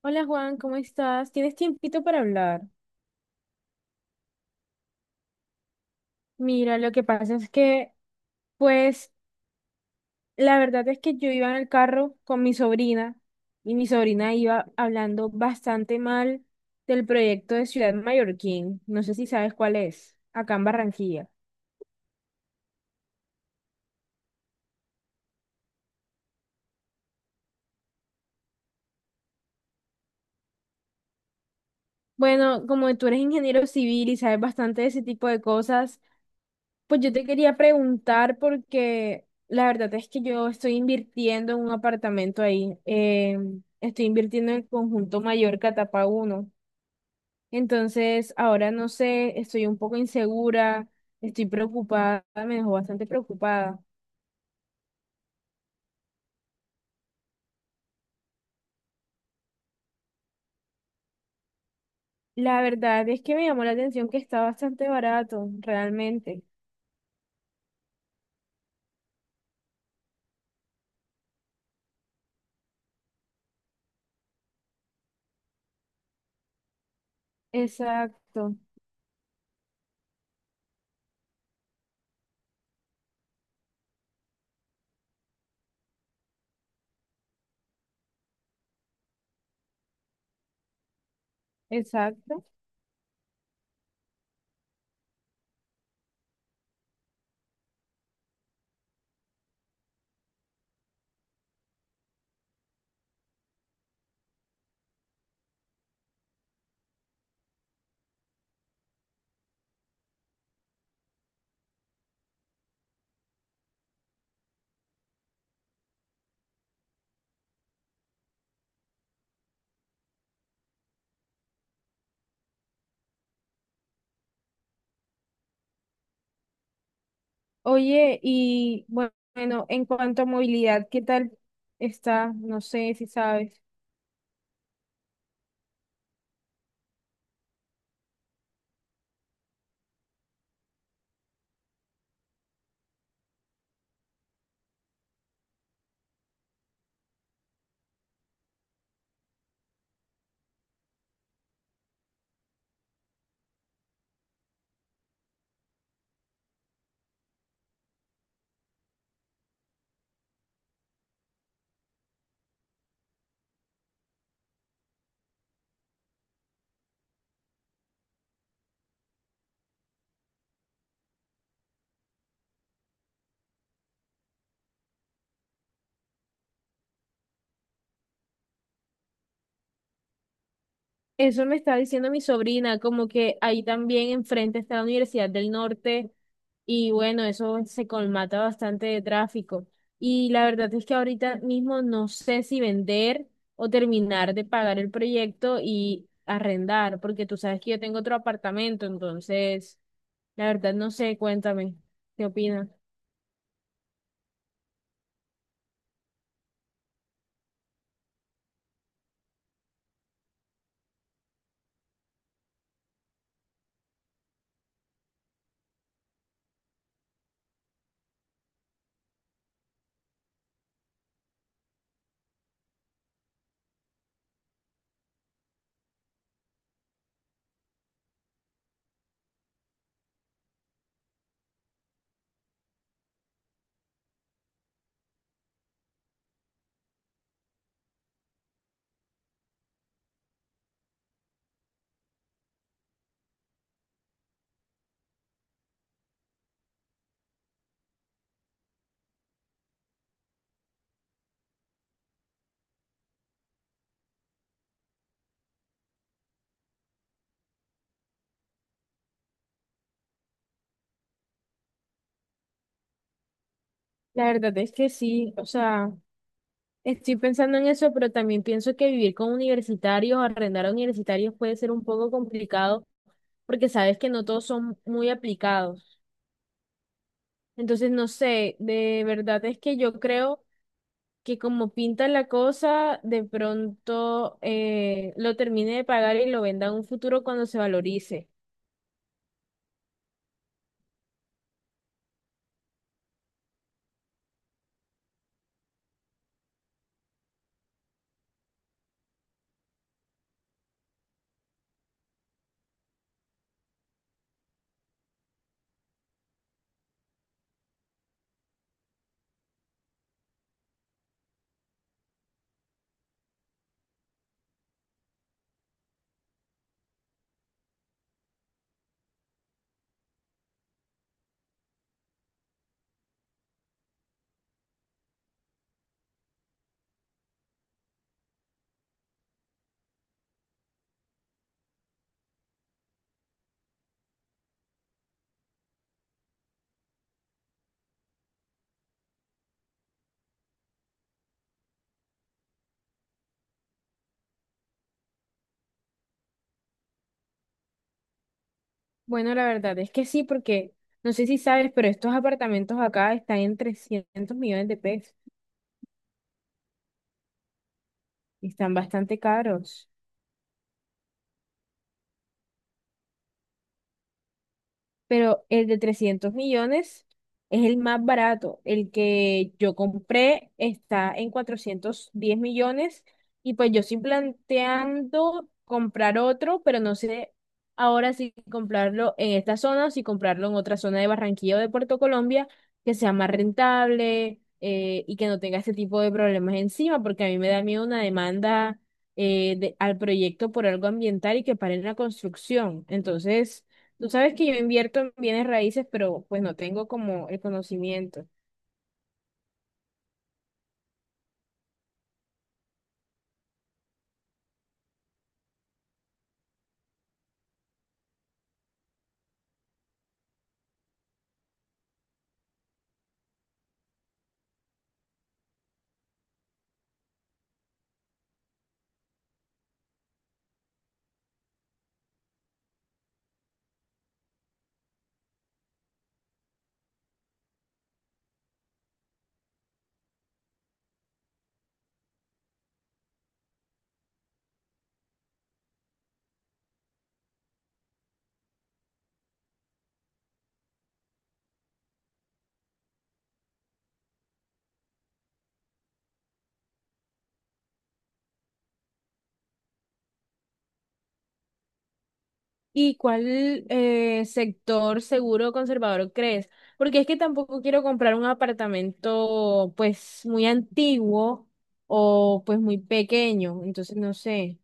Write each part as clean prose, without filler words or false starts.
Hola Juan, ¿cómo estás? ¿Tienes tiempito para hablar? Mira, lo que pasa es que, pues, la verdad es que yo iba en el carro con mi sobrina y mi sobrina iba hablando bastante mal del proyecto de Ciudad Mallorquín. No sé si sabes cuál es, acá en Barranquilla. Bueno, como tú eres ingeniero civil y sabes bastante de ese tipo de cosas, pues yo te quería preguntar porque la verdad es que yo estoy invirtiendo en un apartamento ahí. Estoy invirtiendo en el conjunto Mallorca etapa uno. Entonces, ahora no sé, estoy un poco insegura, estoy preocupada, me dejó bastante preocupada. La verdad es que me llamó la atención que está bastante barato, realmente. Exacto, exacto. Oye, y bueno, en cuanto a movilidad, ¿qué tal está? No sé si sabes. Eso me está diciendo mi sobrina, como que ahí también enfrente está la Universidad del Norte y bueno, eso se colmata bastante de tráfico. Y la verdad es que ahorita mismo no sé si vender o terminar de pagar el proyecto y arrendar, porque tú sabes que yo tengo otro apartamento, entonces, la verdad no sé, cuéntame, ¿qué opinas? La verdad es que sí, o sea... Estoy pensando en eso, pero también pienso que vivir con universitarios, arrendar a universitarios puede ser un poco complicado porque sabes que no todos son muy aplicados. Entonces, no sé, de verdad es que yo creo que como pinta la cosa, de pronto lo termine de pagar y lo venda en un futuro cuando se valorice. Bueno, la verdad es que sí, porque no sé si sabes, pero estos apartamentos acá están en 300 millones de pesos y están bastante caros. Pero el de 300 millones es el más barato. El que yo compré está en 410 millones y pues yo estoy planteando comprar otro, pero no sé ahora si comprarlo en esta zona o si comprarlo en otra zona de Barranquilla o de Puerto Colombia que sea más rentable. Y que no tenga este tipo de problemas encima, porque a mí me da miedo una demanda al proyecto por algo ambiental y que paren la construcción. Entonces, tú sabes que yo invierto en bienes raíces, pero pues no tengo como el conocimiento. ¿Y cuál sector seguro conservador crees? Porque es que tampoco quiero comprar un apartamento pues muy antiguo o pues muy pequeño, entonces no sé.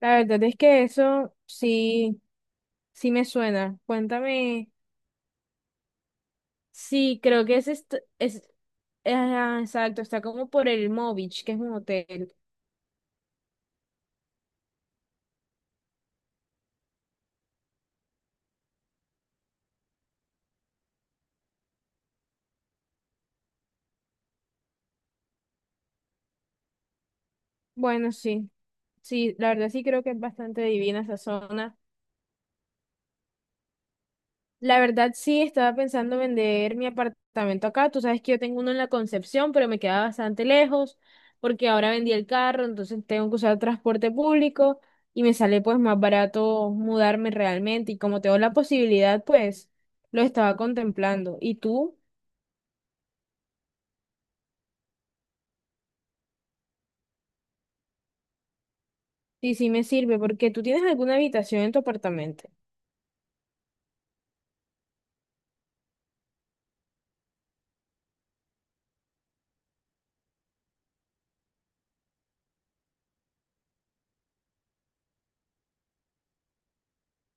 La verdad es que eso sí, sí me suena. Cuéntame, sí, creo que es, ah, exacto, está como por el Movich, que es un hotel. Bueno, sí, sí, la verdad sí creo que es bastante divina esa zona. La verdad sí estaba pensando vender mi apartamento acá. Tú sabes que yo tengo uno en la Concepción, pero me queda bastante lejos porque ahora vendí el carro, entonces tengo que usar transporte público y me sale pues más barato mudarme realmente. Y como tengo la posibilidad, pues lo estaba contemplando. ¿Y tú? Sí, sí me sirve porque tú tienes alguna habitación en tu apartamento.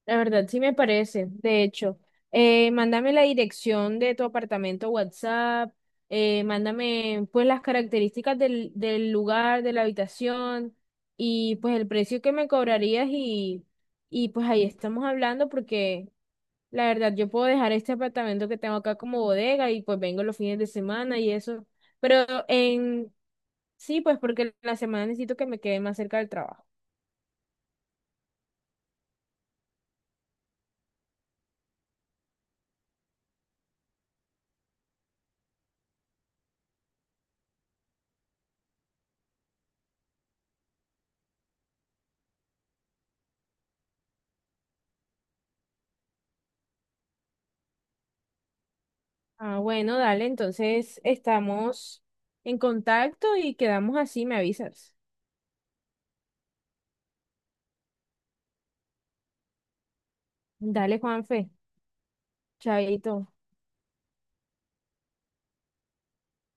La verdad, sí me parece. De hecho, mándame la dirección de tu apartamento WhatsApp, mándame pues las características del lugar, de la habitación y pues el precio que me cobrarías y pues ahí estamos hablando porque la verdad yo puedo dejar este apartamento que tengo acá como bodega y pues vengo los fines de semana y eso. Pero en sí, pues porque la semana necesito que me quede más cerca del trabajo. Ah, bueno, dale, entonces estamos en contacto y quedamos así, me avisas. Dale, Juanfe, chaito.